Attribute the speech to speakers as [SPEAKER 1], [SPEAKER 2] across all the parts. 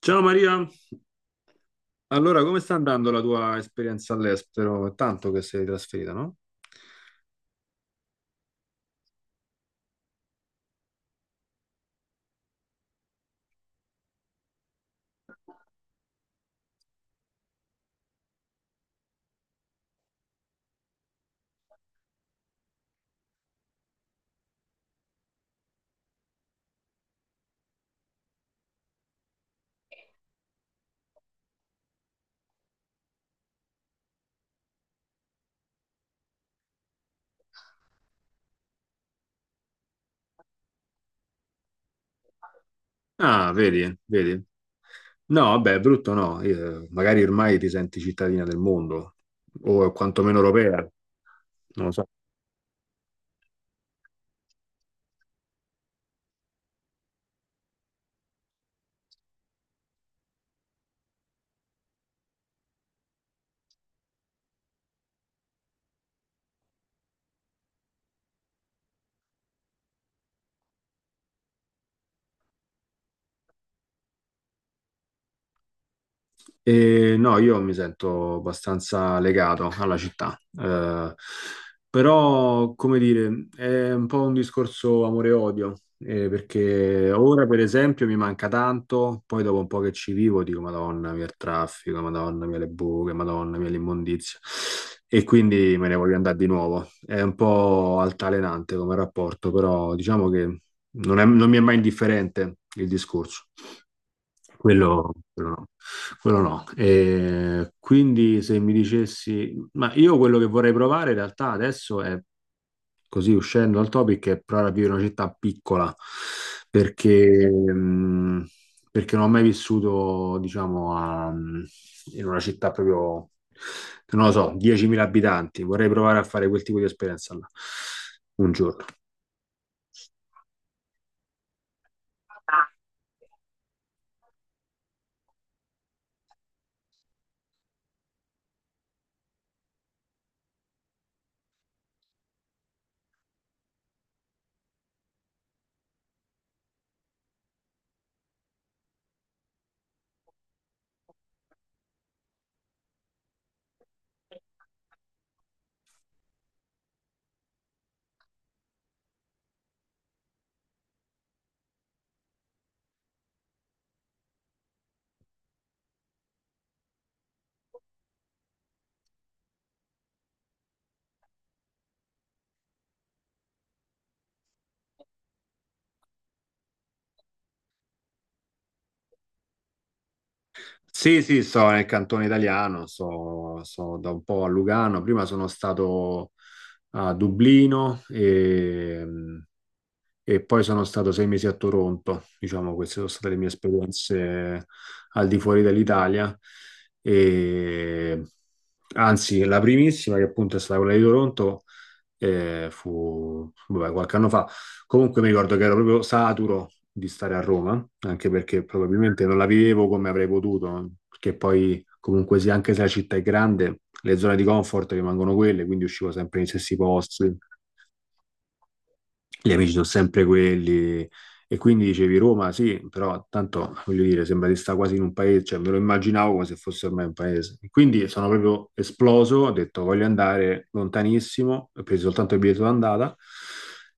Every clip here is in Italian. [SPEAKER 1] Ciao Maria, allora come sta andando la tua esperienza all'estero? È tanto che sei trasferita, no? Ah, vedi, vedi. No, vabbè, brutto no. Magari ormai ti senti cittadina del mondo o quantomeno europea, non lo so. E no, io mi sento abbastanza legato alla città, però, come dire, è un po' un discorso amore e odio, perché ora, per esempio, mi manca tanto, poi dopo un po' che ci vivo dico, Madonna mia il traffico, Madonna mia le buche, Madonna mia l'immondizia, e quindi me ne voglio andare di nuovo. È un po' altalenante come rapporto, però diciamo che non mi è mai indifferente il discorso. Quello no, quello no. E quindi se mi dicessi, ma io quello che vorrei provare in realtà adesso è, così uscendo dal topic, è provare a vivere in una città piccola, perché, mh, perché non ho mai vissuto, diciamo, in una città proprio, non lo so, 10.000 abitanti. Vorrei provare a fare quel tipo di esperienza là, un giorno. Sì, sì, sto nel cantone italiano, sto da un po' a Lugano, prima sono stato a Dublino e poi sono stato 6 mesi a Toronto, diciamo, queste sono state le mie esperienze al di fuori dell'Italia. E, anzi, la primissima, che appunto è stata quella di Toronto, fu vabbè, qualche anno fa. Comunque mi ricordo che ero proprio saturo di stare a Roma, anche perché probabilmente non la vivevo come avrei potuto, perché poi comunque sì, anche se la città è grande, le zone di comfort rimangono quelle, quindi uscivo sempre nei stessi posti. Gli amici sono sempre quelli. E quindi dicevi Roma, sì, però tanto voglio dire, sembra di stare quasi in un paese, cioè me lo immaginavo come se fosse ormai un paese. Quindi sono proprio esploso, ho detto voglio andare lontanissimo, ho preso soltanto il biglietto d'andata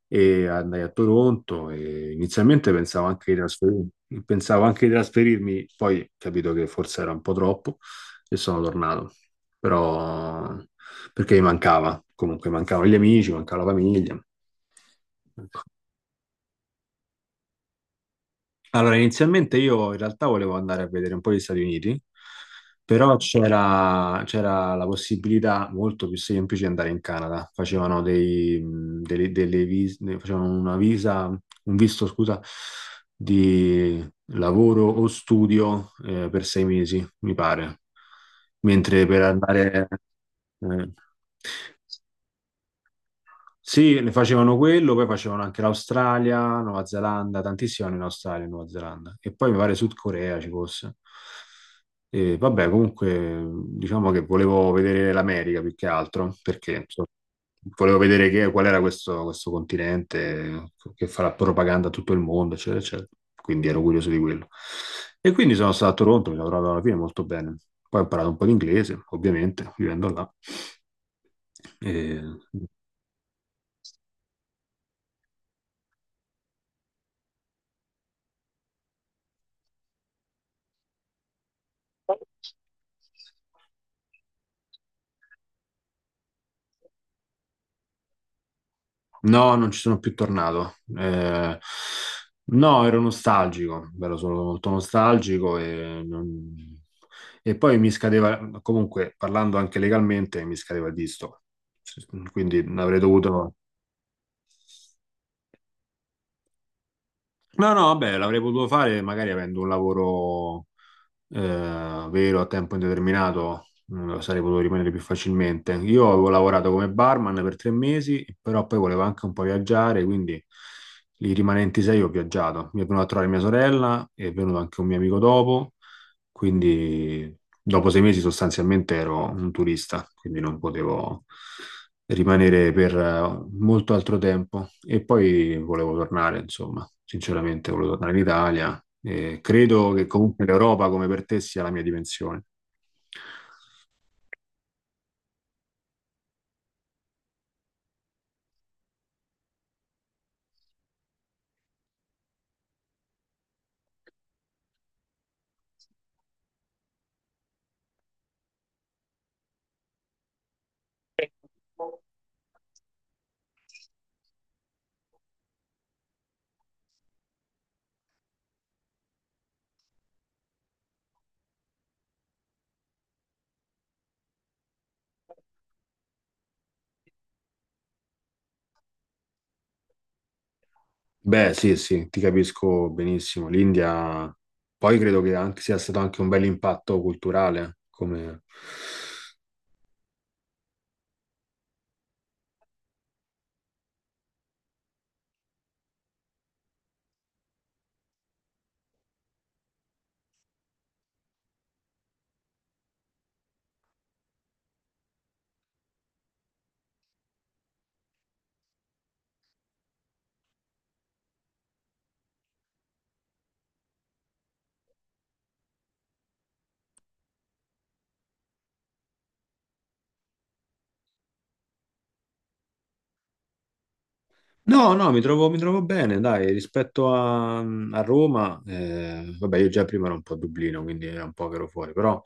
[SPEAKER 1] e andai a Toronto e inizialmente pensavo anche di trasferirmi, poi ho capito che forse era un po' troppo e sono tornato. Però perché mi mancava, comunque mancavano gli amici, mancava la famiglia. Allora, inizialmente io in realtà volevo andare a vedere un po' gli Stati Uniti, però c'era la possibilità molto più semplice di andare in Canada. Facevano dei, delle, delle vis- ne- facevano una visa, un visto, scusa, di lavoro o studio per 6 mesi, mi pare. Mentre per andare... eh, Sì, ne facevano quello, poi facevano anche l'Australia, Nuova Zelanda, tantissimo in Australia e Nuova Zelanda. E poi mi pare Sud Corea ci fosse. E vabbè, comunque diciamo che volevo vedere l'America più che altro, perché insomma, volevo vedere qual era questo continente che farà propaganda a tutto il mondo, eccetera, eccetera. Quindi ero curioso di quello. E quindi sono stato a Toronto, mi sono trovato alla fine molto bene. Poi ho imparato un po' di inglese, ovviamente, vivendo là. E... No, non ci sono più tornato. No, ero nostalgico, ero solo molto nostalgico e, non- e poi mi scadeva, comunque parlando anche legalmente, mi scadeva il visto. Quindi avrei dovuto... No, no, vabbè, l'avrei potuto fare magari avendo un lavoro vero a tempo indeterminato, sarei potuto rimanere più facilmente. Io avevo lavorato come barman per 3 mesi, però poi volevo anche un po' viaggiare, quindi i rimanenti sei ho viaggiato. Mi è venuta a trovare mia sorella, è venuto anche un mio amico dopo quindi dopo 6 mesi sostanzialmente ero un turista, quindi non potevo rimanere per molto altro tempo e poi volevo tornare, insomma, sinceramente volevo tornare in Italia e credo che comunque l'Europa come per te sia la mia dimensione. Beh, sì, sì, ti capisco benissimo. L'India, poi credo che sia stato anche un bel impatto culturale, come. No, no, mi trovo bene, dai, rispetto a Roma, vabbè, io già prima ero un po' a Dublino, quindi era un po' che ero fuori, però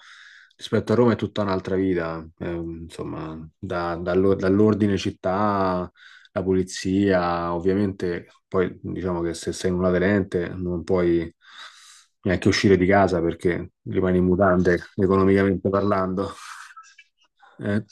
[SPEAKER 1] rispetto a Roma è tutta un'altra vita, insomma, dall'ordine città, la pulizia, ovviamente, poi diciamo che se sei un aderente non puoi neanche uscire di casa perché rimani in mutande, economicamente parlando. Eh.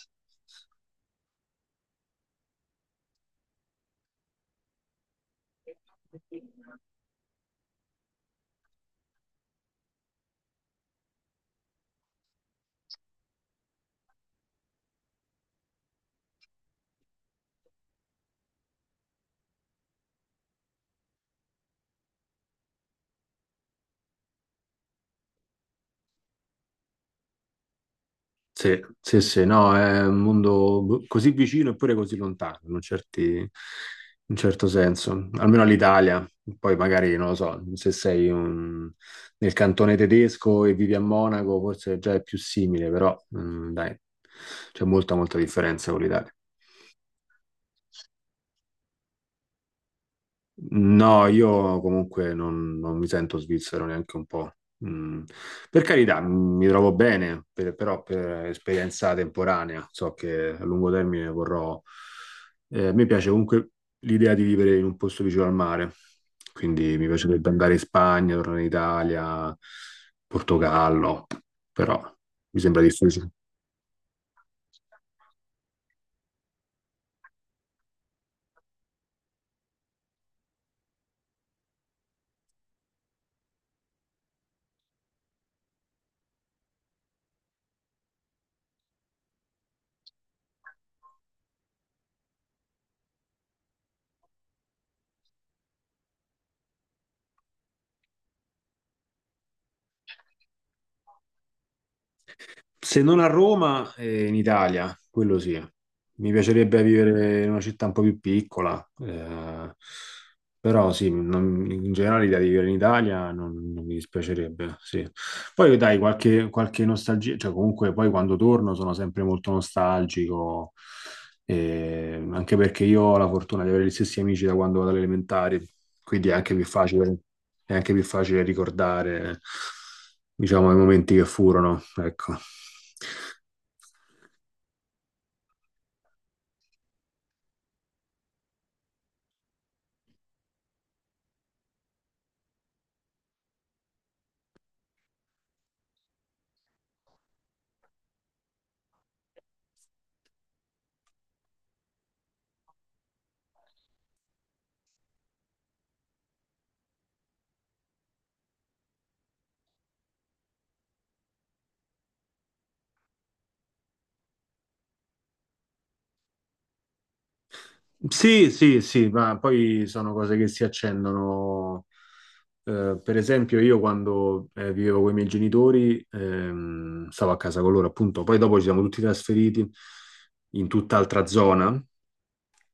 [SPEAKER 1] Sì, sì, sì, no, è un mondo boh, così vicino eppure così lontano, in certo senso, almeno all'Italia. Poi magari, non lo so, se sei nel cantone tedesco e vivi a Monaco, forse già è più simile, però dai, c'è molta, molta differenza con l'Italia. No, io comunque non mi sento svizzero neanche un po'. Mm. Per carità, mi trovo bene, però per esperienza temporanea, so che a lungo termine vorrò... mi piace comunque l'idea di vivere in un posto vicino al mare, quindi mi piacerebbe andare in Spagna, tornare in Italia, Portogallo, però mi sembra difficile. Se non a Roma, in Italia, quello sì. Mi piacerebbe vivere in una città un po' più piccola, però sì, non- in generale l'idea di vivere in Italia non mi dispiacerebbe, sì. Poi dai, qualche, qualche nostalgia, cioè comunque poi quando torno sono sempre molto nostalgico, anche perché io ho la fortuna di avere gli stessi amici da quando vado alle elementari, quindi è anche più facile, è anche più facile ricordare, diciamo, i momenti che furono, ecco. Sì, sì, sì, ma poi sono cose che si accendono. Per esempio, io quando vivevo con i miei genitori, stavo a casa con loro, appunto, poi dopo ci siamo tutti trasferiti in tutt'altra zona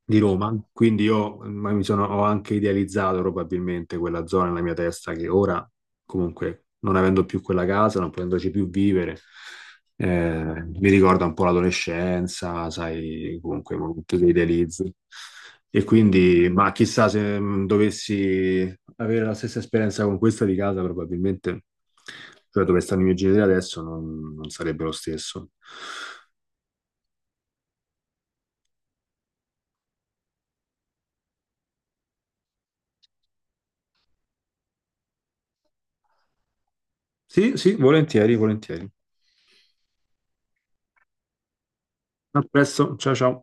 [SPEAKER 1] di Roma, quindi io ma mi sono, ho anche idealizzato probabilmente quella zona nella mia testa che ora, comunque, non avendo più quella casa, non potendoci più vivere, mi ricorda un po' l'adolescenza, sai, comunque i momenti che idealizzi. E quindi, ma chissà se dovessi avere la stessa esperienza con questa di casa, probabilmente, cioè dove stanno i miei genitori adesso, non sarebbe lo stesso. Sì, sì, volentieri, volentieri. A presto, ciao ciao.